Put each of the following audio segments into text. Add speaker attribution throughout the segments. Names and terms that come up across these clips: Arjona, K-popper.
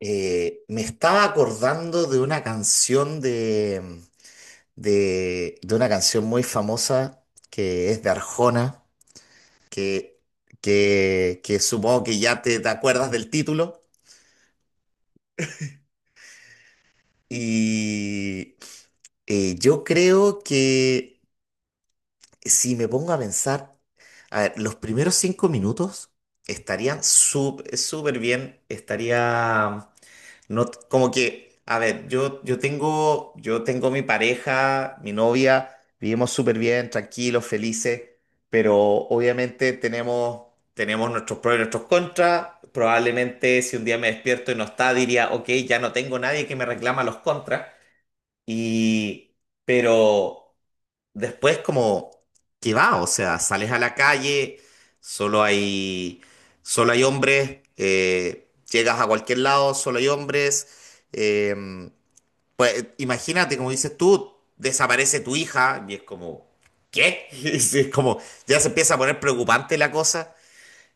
Speaker 1: Me estaba acordando de una canción de una canción muy famosa que es de Arjona, que, que supongo que ya te acuerdas del título. Y yo creo que si me pongo a pensar, a ver, los primeros 5 minutos estarían súper bien, estaría. No, como que, a ver, yo tengo mi pareja, mi novia, vivimos súper bien, tranquilos, felices, pero obviamente tenemos, tenemos nuestros pros y nuestros contras. Probablemente si un día me despierto y no está, diría, ok, ya no tengo nadie que me reclama los contras. Y, pero, después como qué va, o sea, sales a la calle, solo hay, solo hay hombres, llegas a cualquier lado, solo hay hombres, pues imagínate, como dices tú, desaparece tu hija y es como, ¿qué? Es como, ya se empieza a poner preocupante la cosa,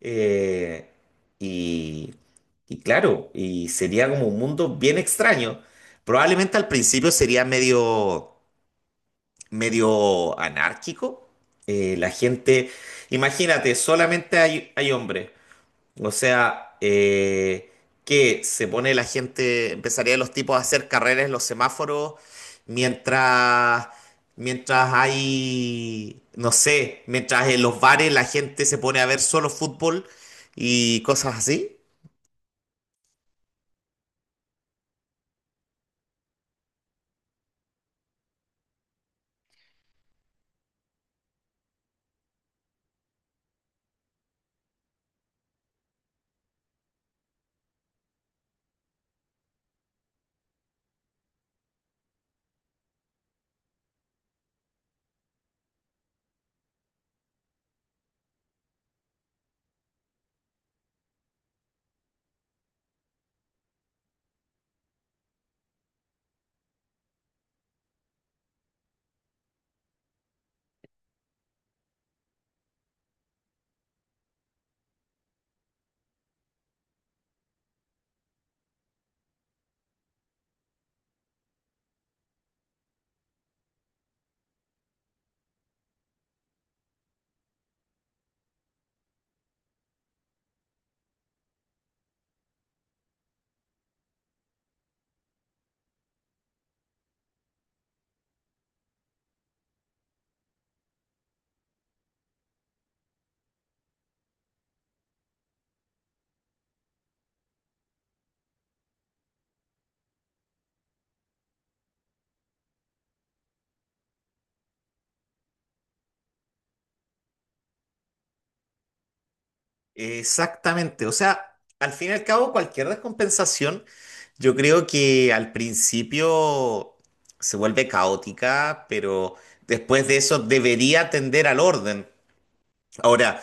Speaker 1: eh, y, y claro, y sería como un mundo bien extraño. Probablemente al principio sería medio anárquico. La gente, imagínate, solamente hay hombres. O sea, que se pone la gente, empezaría los tipos a hacer carreras en los semáforos mientras, mientras hay, no sé, mientras en los bares la gente se pone a ver solo fútbol y cosas así. Exactamente, o sea, al fin y al cabo cualquier descompensación, yo creo que al principio se vuelve caótica, pero después de eso debería tender al orden. Ahora,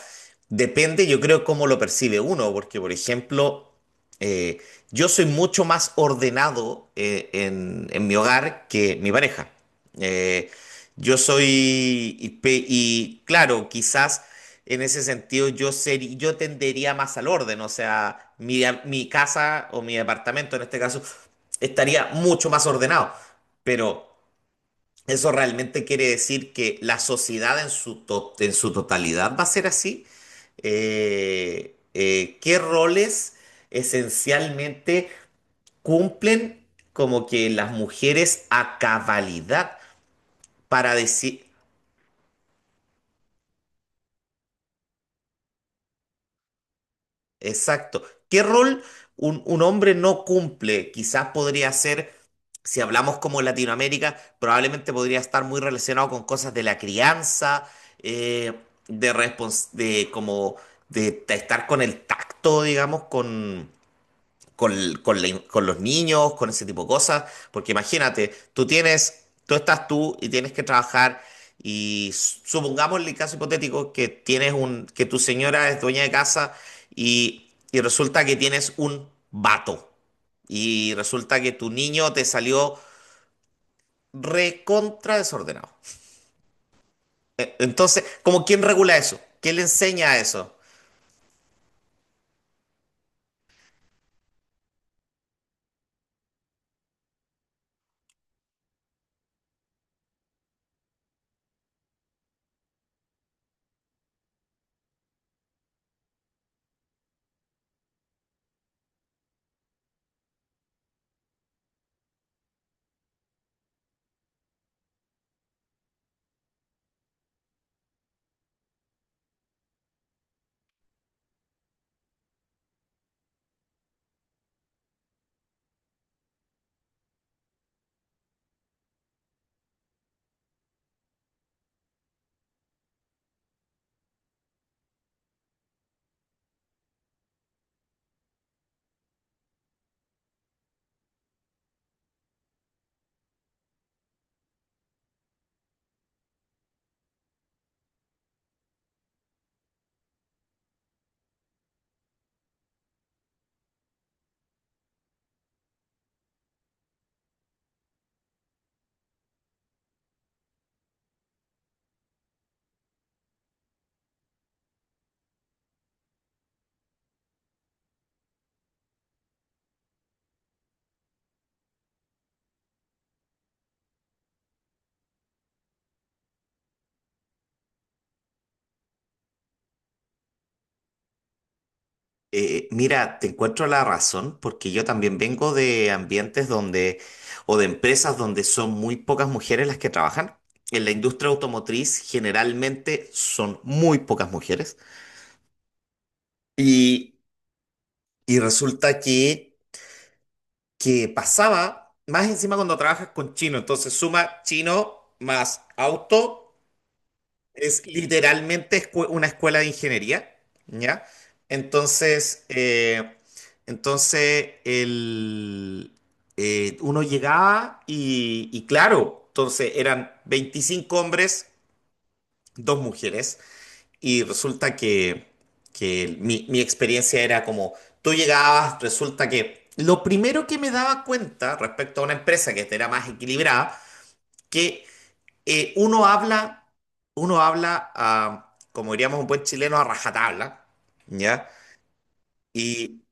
Speaker 1: depende, yo creo, cómo lo percibe uno, porque, por ejemplo, eh, yo soy mucho más ordenado en mi hogar que mi pareja. Eh, yo soy, y, claro, quizás en ese sentido yo tendería más al orden, o sea, mi casa o mi departamento en este caso estaría mucho más ordenado, pero... ¿Eso realmente quiere decir que la sociedad en en su totalidad va a ser así? ¿Qué roles esencialmente cumplen como que las mujeres a cabalidad para decir, exacto? ¿Qué rol un hombre no cumple? Quizás podría ser, si hablamos como Latinoamérica, probablemente podría estar muy relacionado con cosas de la crianza, eh, de, de como de estar con el tacto, digamos, con, con con los niños, con ese tipo de cosas, porque imagínate, tú estás tú y tienes que trabajar y supongamos el caso hipotético que tienes que tu señora es dueña de casa y resulta que tienes un vato y resulta que tu niño te salió recontra desordenado. Entonces, ¿cómo quién regula eso? ¿Quién le enseña eso? Mira, te encuentro la razón porque yo también vengo de ambientes donde, o de empresas donde son muy pocas mujeres las que trabajan. En la industria automotriz generalmente son muy pocas mujeres. Y, y resulta que pasaba más encima cuando trabajas con chino. Entonces suma chino más auto. Es literalmente una escuela de ingeniería, ¿ya? Entonces, entonces el, uno llegaba y claro, entonces eran 25 hombres, dos mujeres, y resulta que mi experiencia era como, tú llegabas, resulta que lo primero que me daba cuenta respecto a una empresa que era más equilibrada, que eh, uno habla, uno habla, ah, como diríamos un buen chileno, a rajatabla, ¿ya? Y,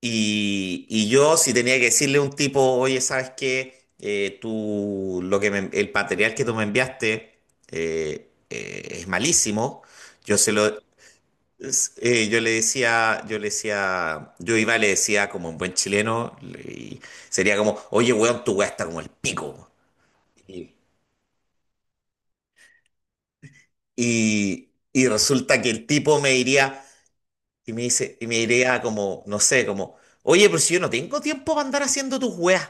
Speaker 1: y yo si tenía que decirle a un tipo, oye, ¿sabes qué? Tú, lo que el material que tú me enviaste es malísimo. Yo se lo, yo le decía, yo iba y le decía como un buen chileno, y sería como, oye, weón, tu weá está como el pico. Y resulta que el tipo me diría, y me diría como, no sé, como, oye, pero si yo no tengo tiempo para andar haciendo tus weas.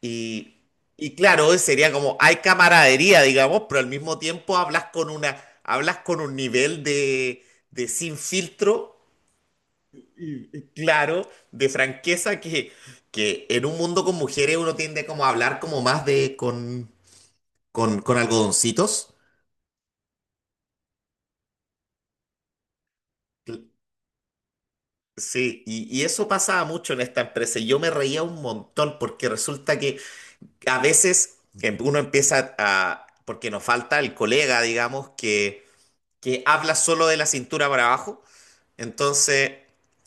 Speaker 1: Y, y claro, sería como, hay camaradería, digamos, pero al mismo tiempo hablas con un nivel de sin filtro, y claro, de franqueza que en un mundo con mujeres uno tiende como a hablar como más con, con algodoncitos. Sí, y eso pasaba mucho en esta empresa y yo me reía un montón porque resulta que a veces uno empieza a, porque nos falta el colega, digamos, que habla solo de la cintura para abajo entonces,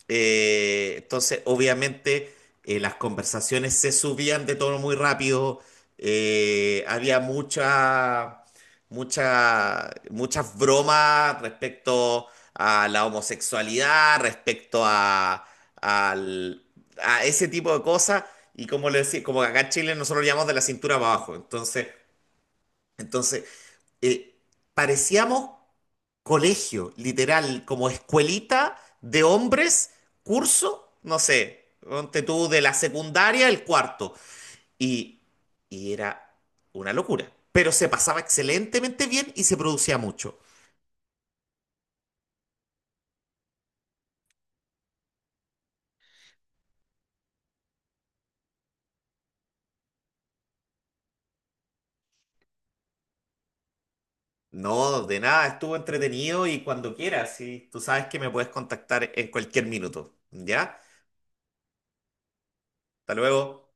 Speaker 1: entonces obviamente, las conversaciones se subían de tono muy rápido, eh, había mucha, mucha, muchas bromas respecto a la homosexualidad, respecto al- a ese tipo de cosas, y como le decía, como acá en Chile nosotros lo llamamos de la cintura para abajo. Entonces eh, parecíamos colegio, literal, como escuelita de hombres, curso, no sé, ponte tú de la secundaria, el cuarto. Y, y era una locura. Pero se pasaba excelentemente bien y se producía mucho. No, de nada, estuvo entretenido y cuando quieras, y tú sabes que me puedes contactar en cualquier minuto. ¿Ya? Hasta luego.